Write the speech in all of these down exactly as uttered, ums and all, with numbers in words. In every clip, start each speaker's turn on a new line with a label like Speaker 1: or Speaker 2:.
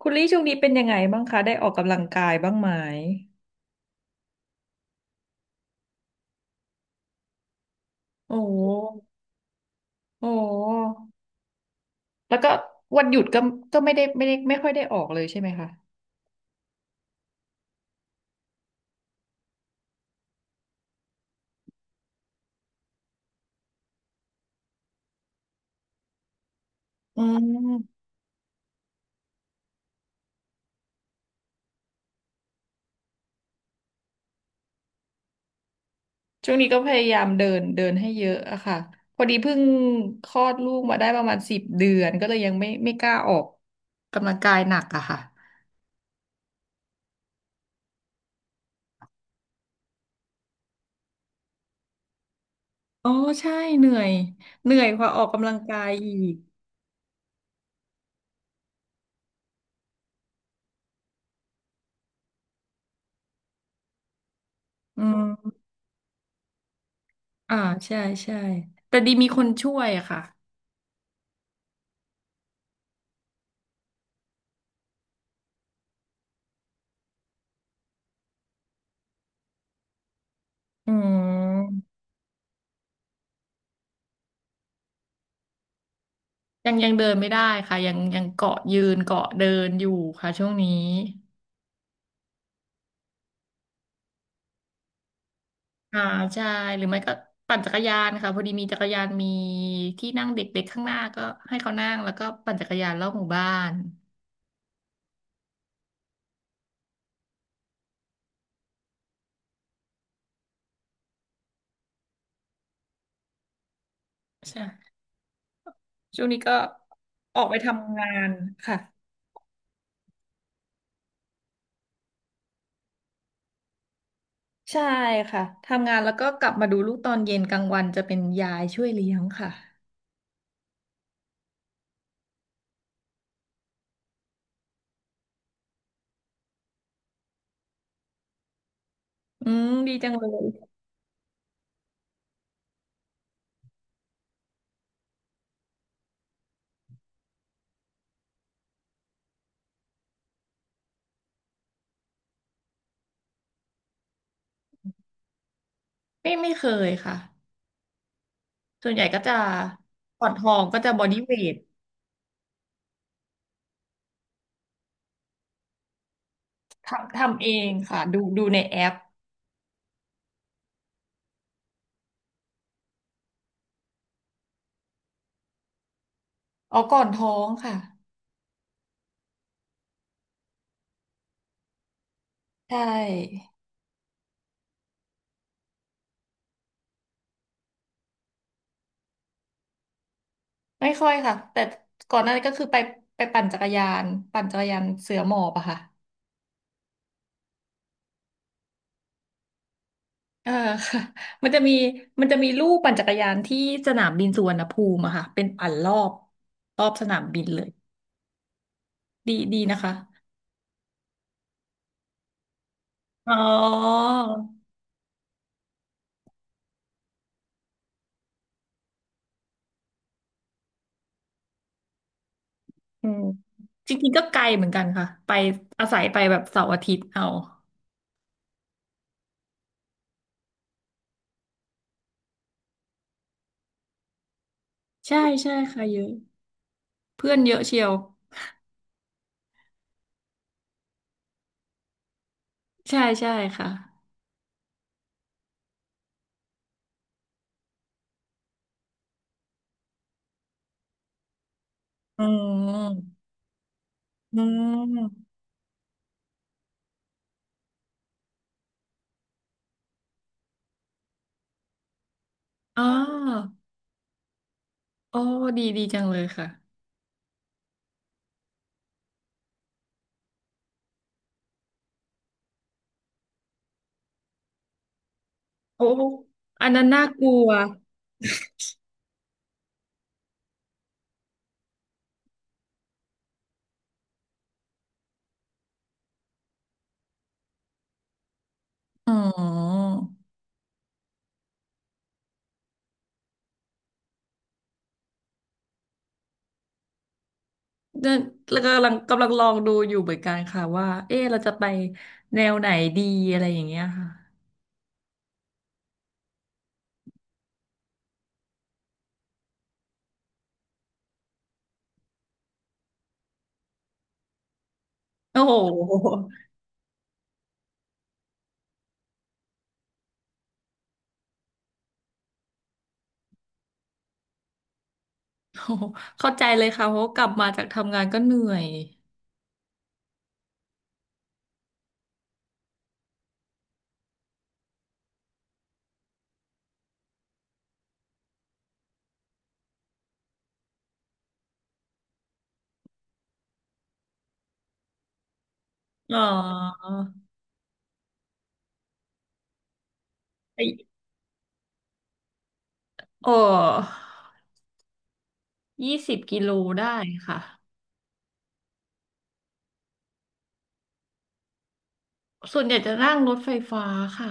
Speaker 1: คุณลี่ช่วงนี้เป็นยังไงบ้างคะได้ออกกำลังกายบ้างไหมโอ้โหโอ้โหแล้วก็วันหยุดก็ก็ไม่ได้ไม่ได้ไม่ค่อยได้ออกเลยใช่ไหมคะอืมช่วงนี้ก็พยายามเดินเดินให้เยอะอะค่ะพอดีเพิ่งคลอดลูกมาได้ประมาณสิบเดือนก็เลยยังไม่ไม่กล้าออกกำลังกายหนักอะค่ะอ๋อใช่เหนื่อยเหนื่อยกว่าออกกำลังกายอีกอืมอ่าใช่ใช่แต่ดีมีคนช่วยอะค่ะอืม ยังยังเดินไม่ได้ค่ะยังยังเกาะยืนเกาะเดินอยู่ค่ะช่วงนี้อ่าใช่หรือไม่ก็ปั่นจักรยานค่ะพอดีมีจักรยานมีที่นั่งเด็กๆข้างหน้าก็ให้เขานั่งแล้วก็ปั่นจักรยานรอบหมู่บ้านใช่ช่วงนี้ก็ออกไปทำงานค่ะใช่ค่ะทำงานแล้วก็กลับมาดูลูกตอนเย็นกลางวันจะเป็นยายช่วยเลี้ยงค่ะอืมดีจังเลยไม่ไม่เคยค่ะส่วนใหญ่ก็จะก่อนทองก็จะบอดี้เวท ทำทำเองค่ะดูดูในแอปอ๋อก่อนท้องค่ะใช่ไม่ค่อยค่ะแต่ก่อนหน้านี้ก็คือไปไปปั่นจักรยานปั่นจักรยานเสือหมอบอะค่ะเออ ค่ะมันจะมีมันจะมีลู่ปั่นจักรยานที่สนามบินสุวรรณภูมิอะค่ะเป็นปั่นรอบรอบสนามบินเลยดีดีนะคะอ๋ออืมจริงๆก็ไกลเหมือนกันค่ะไปอาศัยไปแบบเสาร์อาทิตย์เอาใช่ใช่ค่ะเยอะเพื่อนเยอะเชียวใช่ใช่ค่ะ อืมอืมอ๋อโอ้ดีดีจังเลยค่ะโอ้อันนั้นน่ากลัวอืมเนี่ยแล้วกำลังกำลังลองดูอยู่เหมือนกันค่ะว่าเอ๊ะเราจะไปแนวไหนดีอะไรอย่างเงี้ยค่ะโอ้โห โอ้โหเข้าใจเลยค่ะเพราะกลับมาจากทำงานก็เหนื่อยอ๋อไอโอ้ยี่สิบกิโลได้ค่ะส่วนใหญ่จะนั่งรถไฟฟ้าค่ะ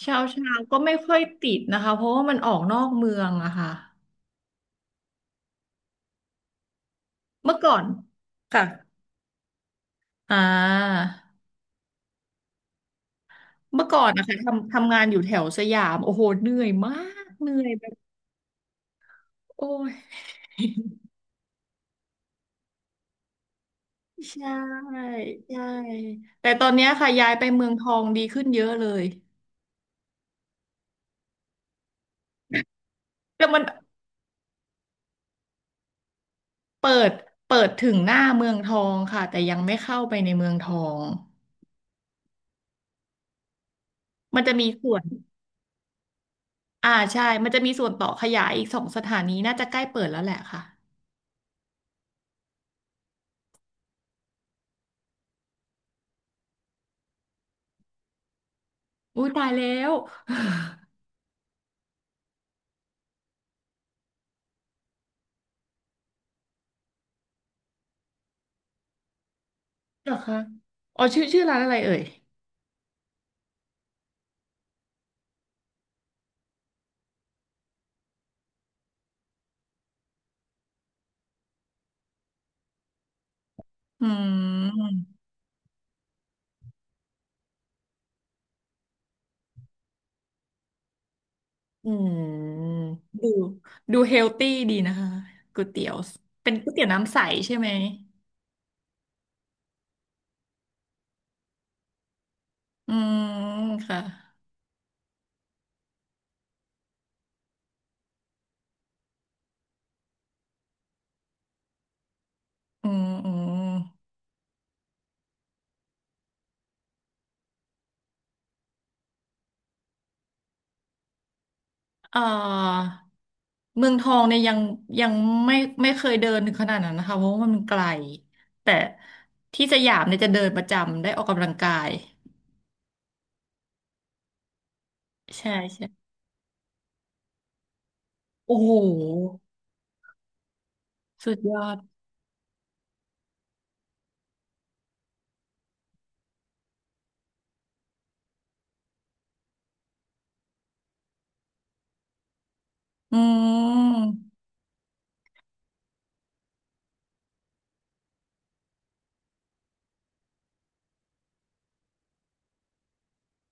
Speaker 1: เช้าเช้าก็ไม่ค่อยติดนะคะเพราะว่ามันออกนอกเมืองอะค่ะเมื่อก่อนค่ะอ่าเมื่อก่อนนะคะทำทำงานอยู่แถวสยามโอ้โหเหนื่อยมากเหนื่อยแบบโอ้ย ใช่ใช่แต่ตอนเนี้ยค่ะย้ายไปเมืองทองดีขึ้นเยอะเลยแต่มันเปิดเปิดถึงหน้าเมืองทองค่ะแต่ยังไม่เข้าไปในเมืองทองมันจะมีส่วนอ่าใช่มันจะมีส่วนต่อขยายอีกสองสถานีน่าจะใกล้เปิดแล้วแหละค่ะ อุ้ยตายแล้ว เหรอคะอ๋อชื่อชื่อร้านอะไรเอ่ย อืมอืมดูดูเฮลตี้ดีนะคะก๋วยเตี๋ยวเป็นก๋วยเตี๋ยวน้ำใสใช่ไหม อืม ค่ะ อืมอืมเอ่อเมืองทองเนี่ยยังยังไม่ไม่เคยเดินถึงขนาดนั้นนะคะเพราะว่ามันไกล แต่ที่สยามเนี่ยจะเดินประจำได้ออกกำลังกาย ใช่ใช่ โอ้โห สุดยอด อืม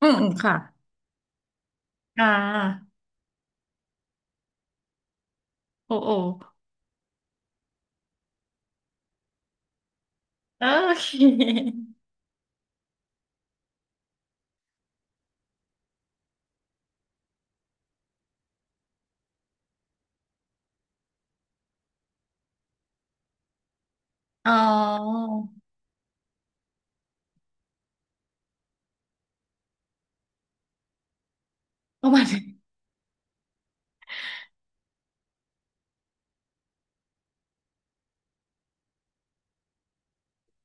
Speaker 1: อืมอืมค่ะ อ่าโอโอโอเค อ๋อประมาณนี้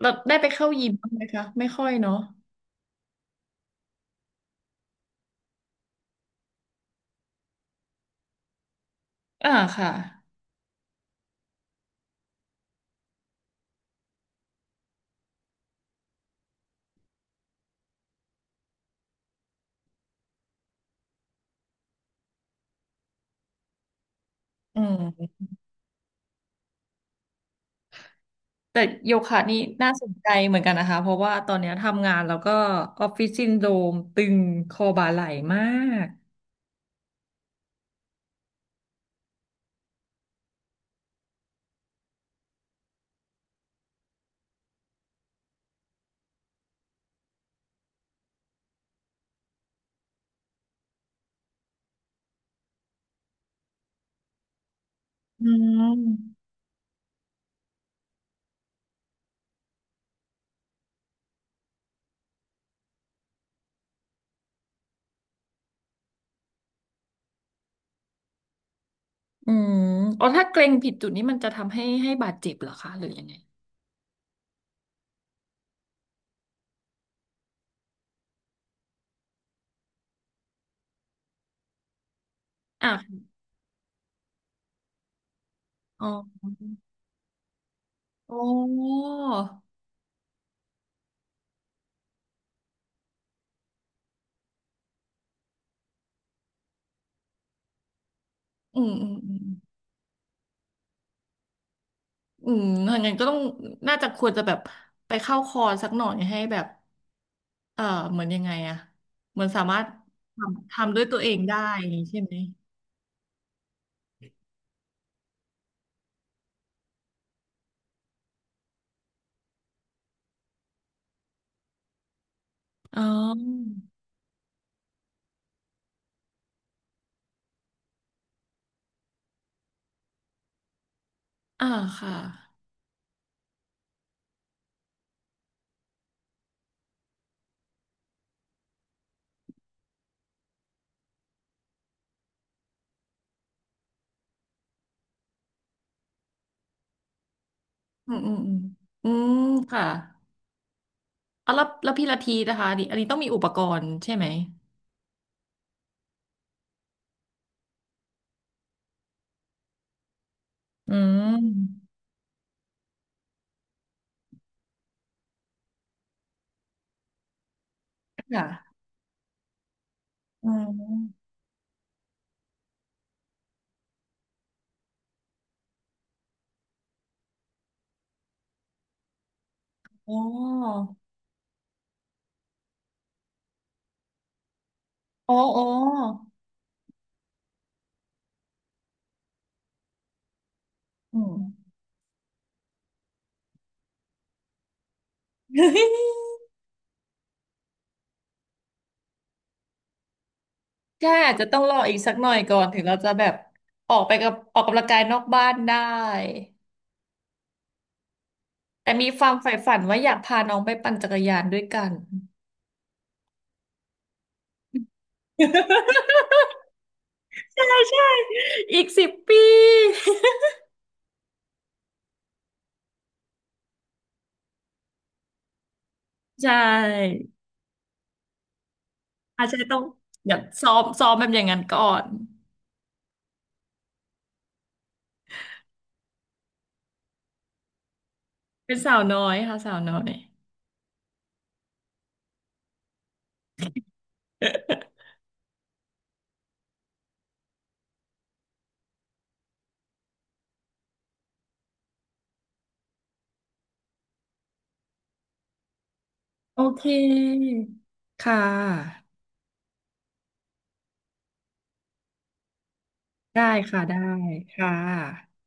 Speaker 1: เราได้ไปเข้ายิมบ้างไหมคะไม่ค่อยเนาะอ่าค่ะอืมแต่โยคะนี่น่าสนใจเหมือนกันนะคะเพราะว่าตอนเนี้ยทำงานแล้วก็ออฟฟิศซินโดรมตึงคอบ่าไหล่มากอืมอืมอ๋อถ้าเกร็งผิดจุดนี้มันจะทำให้ให้บาดเจ็บเหรอคะหรือยังไงอ่ะอ๋ออ๋ออืมอืมอืม อืมถ้างั้นก็ต้อง น่าจะควรจะแบบ ไปเข้าคอร์สสักหน่อยให้แบบเออเหมือนยังไงอะเหมือนสามารถทำทำด้วยตัวเองได้อย่างนี้ใช่ไหม อ๋ออ่าค่ะ อืมอืมอืมอืมค่ะเอาแล้วแล้วพี่ละทีนะคะอันนี้อันนี้ต้องมีอุปกรณ์ใช่ไหม อืมค่ะอ๋อ อ๋อ อ๋ออ๋ออืม ใช่อาจจะต้องรออีกสักหน่อยก่อนถึงเราจะแบบออกไปกับออกกำลังกายนอกบ้านได้แต่มีความใฝ่ฝันว่าอยากพาน้องไปปั่นจักรยานด้วยกัน ใช่ใช่อีกสิบปี ใช่อาจจะต้องเดี๋ยวซ้อมซ้อมแบบอย่างนั้นก่อนเป็นสาวน้อยค่ะสาวน้อย โอเคค่ะได้ค่ะได้ค่ะ